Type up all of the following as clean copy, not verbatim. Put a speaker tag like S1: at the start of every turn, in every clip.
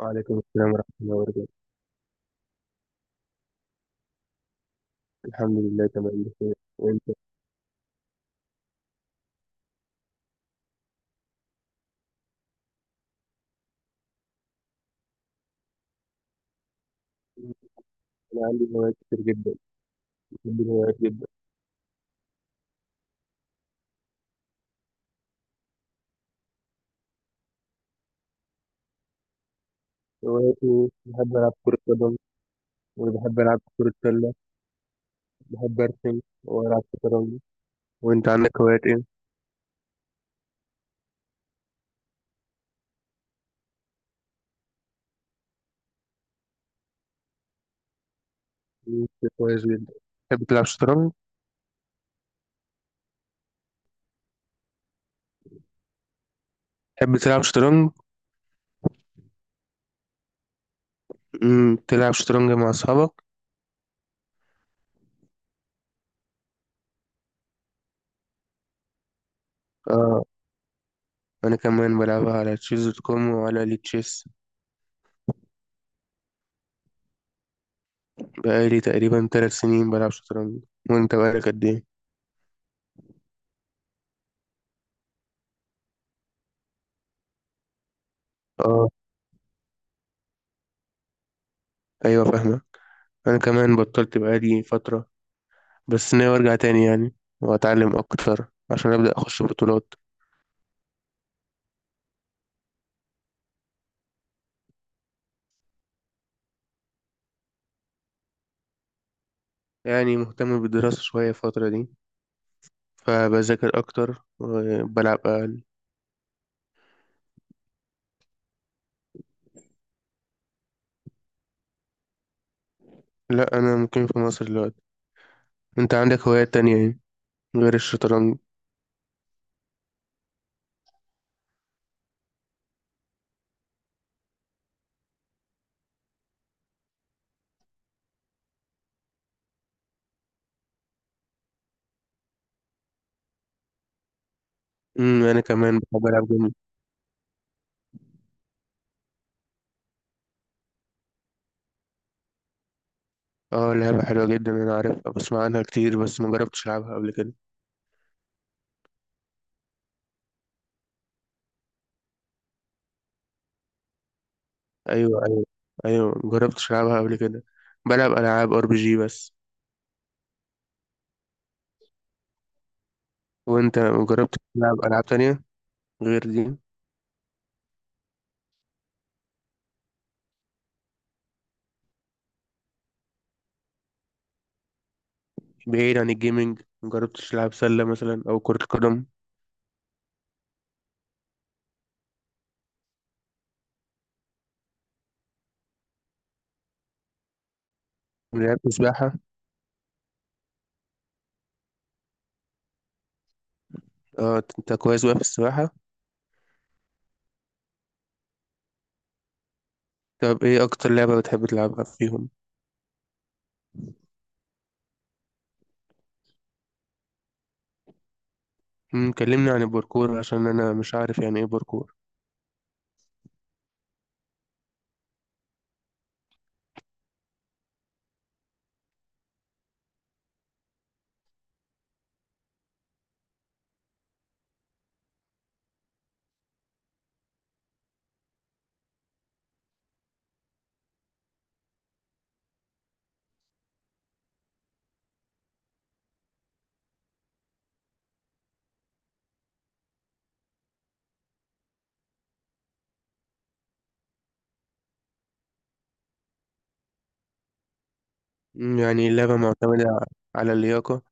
S1: وعليكم السلام ورحمة الله وبركاته. الحمد لله تمام بخير، وانت؟ انا عندي هوايات كتير جدا. بحب الهوايات جدا. هواياتي بحب العب كرة قدم، وبحب العب كرة سلة، بحب ارسم والعب شطرنج. وانت عندك هوايات ايه؟ مم، كويس جدا. تحب تلعب شطرنج؟ تحب تلعب شطرنج؟ تلعب شطرنج مع اصحابك؟ اه، انا كمان بلعبها على تشيز دوت كوم وعلى لي تشيس. بقالي تقريبا 3 سنين بلعب شطرنج. وانت بقالك قد ايه؟ اه، ايوه فاهمة. انا كمان بطلت بقالي فترة، بس ناوي ارجع تاني يعني، واتعلم اكتر عشان ابدا اخش بطولات. يعني مهتم بالدراسة شوية الفترة دي، فبذاكر اكتر وبلعب اقل. لا، انا مقيم في مصر دلوقتي. انت عندك هوايات تانية ايه غير الشطرنج؟ انا كمان بحب العب جيم. اه، لعبة حلوة جدا، انا عارفها، بسمع عنها كتير بس ما جربتش العبها قبل كده. ايوه، ايوه، ايوه، ما جربتش العبها قبل كده. بلعب العاب ار بي جي بس. وانت جربت تلعب العاب تانية غير دي؟ بعيد عن الجيمنج، مجربتش تلعب سلة مثلا أو كرة قدم؟ لعبت سباحة؟ اه، أنت كويس بقى في السباحة. طب إيه أكتر لعبة بتحب تلعبها فيهم؟ كلمني عن الباركور عشان أنا مش عارف يعني إيه باركور. يعني اللعبة معتمدة على اللياقة.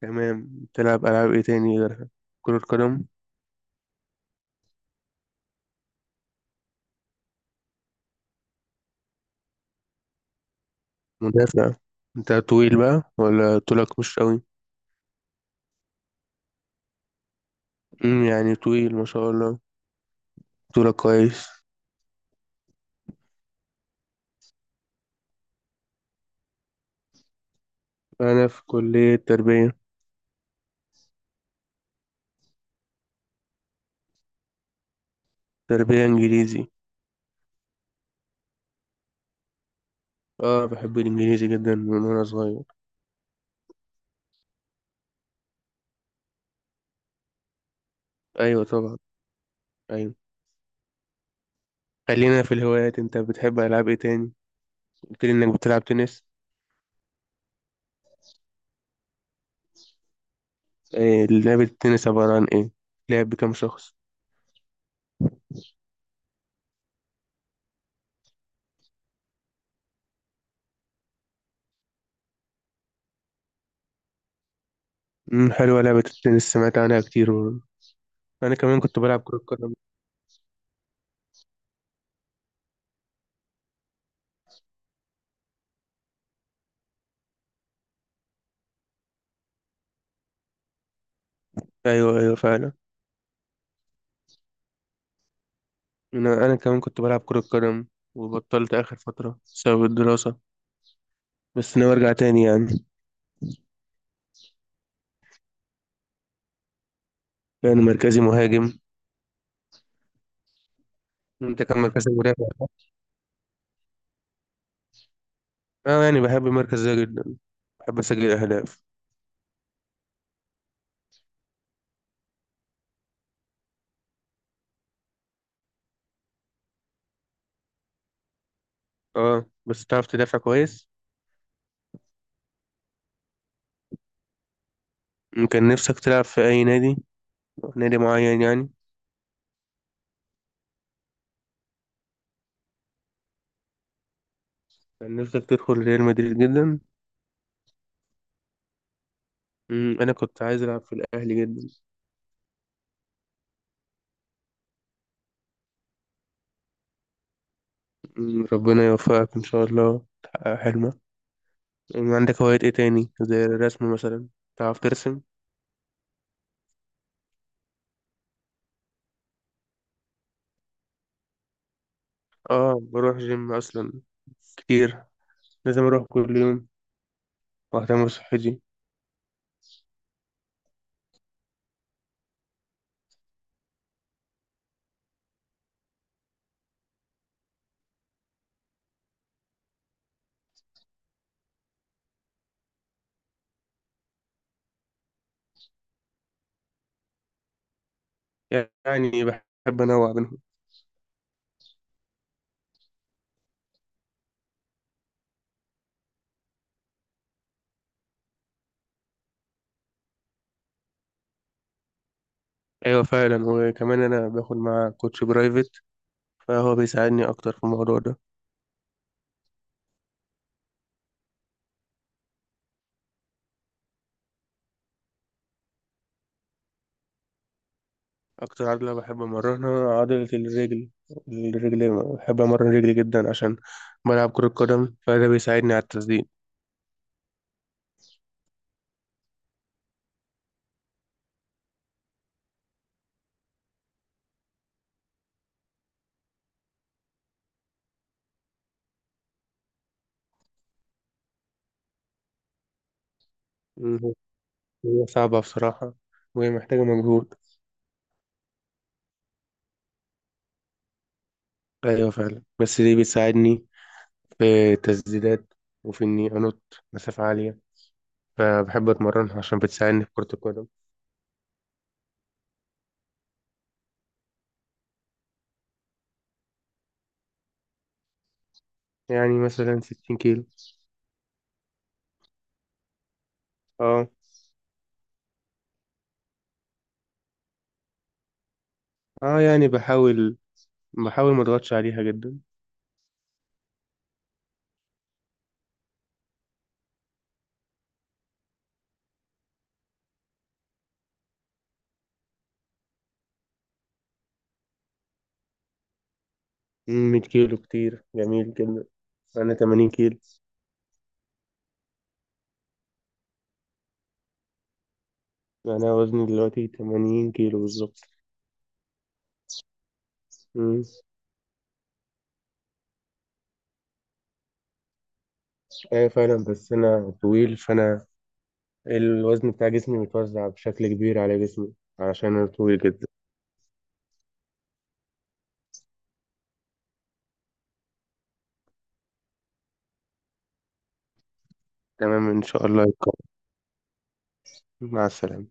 S1: تمام. تلعب ألعاب إيه تاني غيرها؟ كرة قدم؟ مدافع؟ أنت طويل بقى ولا طولك مش قوي؟ يعني طويل ما شاء الله، طولك كويس. أنا في كلية تربية. تربية إنجليزي. اه، بحب الإنجليزي جدا من وأنا صغير. ايوه طبعا. ايوه. خلينا في الهوايات. انت بتحب العاب ايه تاني؟ قلت لي انك بتلعب تنس. إيه لعبة التنس عبارة عن ايه؟ لعب بكام شخص؟ حلوة لعبة التنس، سمعت عنها كتير برضه. انا كمان كنت بلعب كرة قدم. ايوه، ايوه، فعلا. انا كمان كنت بلعب كرة قدم وبطلت اخر فترة بسبب الدراسة، بس ناوي ارجع تاني يعني. يعني مركزي مهاجم. انت كان مركزك مدافع صح؟ اه، يعني بحب المركز ده جدا، بحب اسجل اهداف. اه بس تعرف تدافع كويس. كان نفسك تلعب في اي نادي؟ نادي معين يعني. كان نفسك تدخل ريال مدريد جدا. انا كنت عايز العب في الاهلي جدا. ربنا يوفقك ان شاء الله تحقق حلمك. عندك هوايات ايه تاني زي الرسم مثلا؟ تعرف ترسم؟ اه، بروح جيم اصلا كتير، لازم اروح كل يوم واهتم بصحتي. يعني بحب انوع بينهم. ايوه فعلا. وكمان انا باخد مع كوتش برايفت، فهو بيساعدني اكتر في الموضوع ده. أكتر عضلة بحب أمرنها عضلة الرجل. الرجل بحب أمرن رجلي جدا عشان بلعب كرة قدم، فده بيساعدني على التسديد. مم، هي صعبة بصراحة، وهي محتاجة مجهود. أيوة فعلا، بس دي بتساعدني في التسديدات، وفي إني أنط مسافة عالية. فبحب أتمرنها عشان بتساعدني في كرة القدم. يعني مثلا 60 كيلو. اه. اه، يعني بحاول ما أضغطش عليها جدا. 100 كيلو كتير، جميل جدا. أنا 80 كيلو. يعني انا وزني دلوقتي 80 كيلو بالظبط. مم. ايوه فعلا، بس انا طويل، فانا الوزن بتاع جسمي متوزع بشكل كبير على جسمي، علشان انا طويل جدا. تمام ان شاء الله يكون. مع السلامة.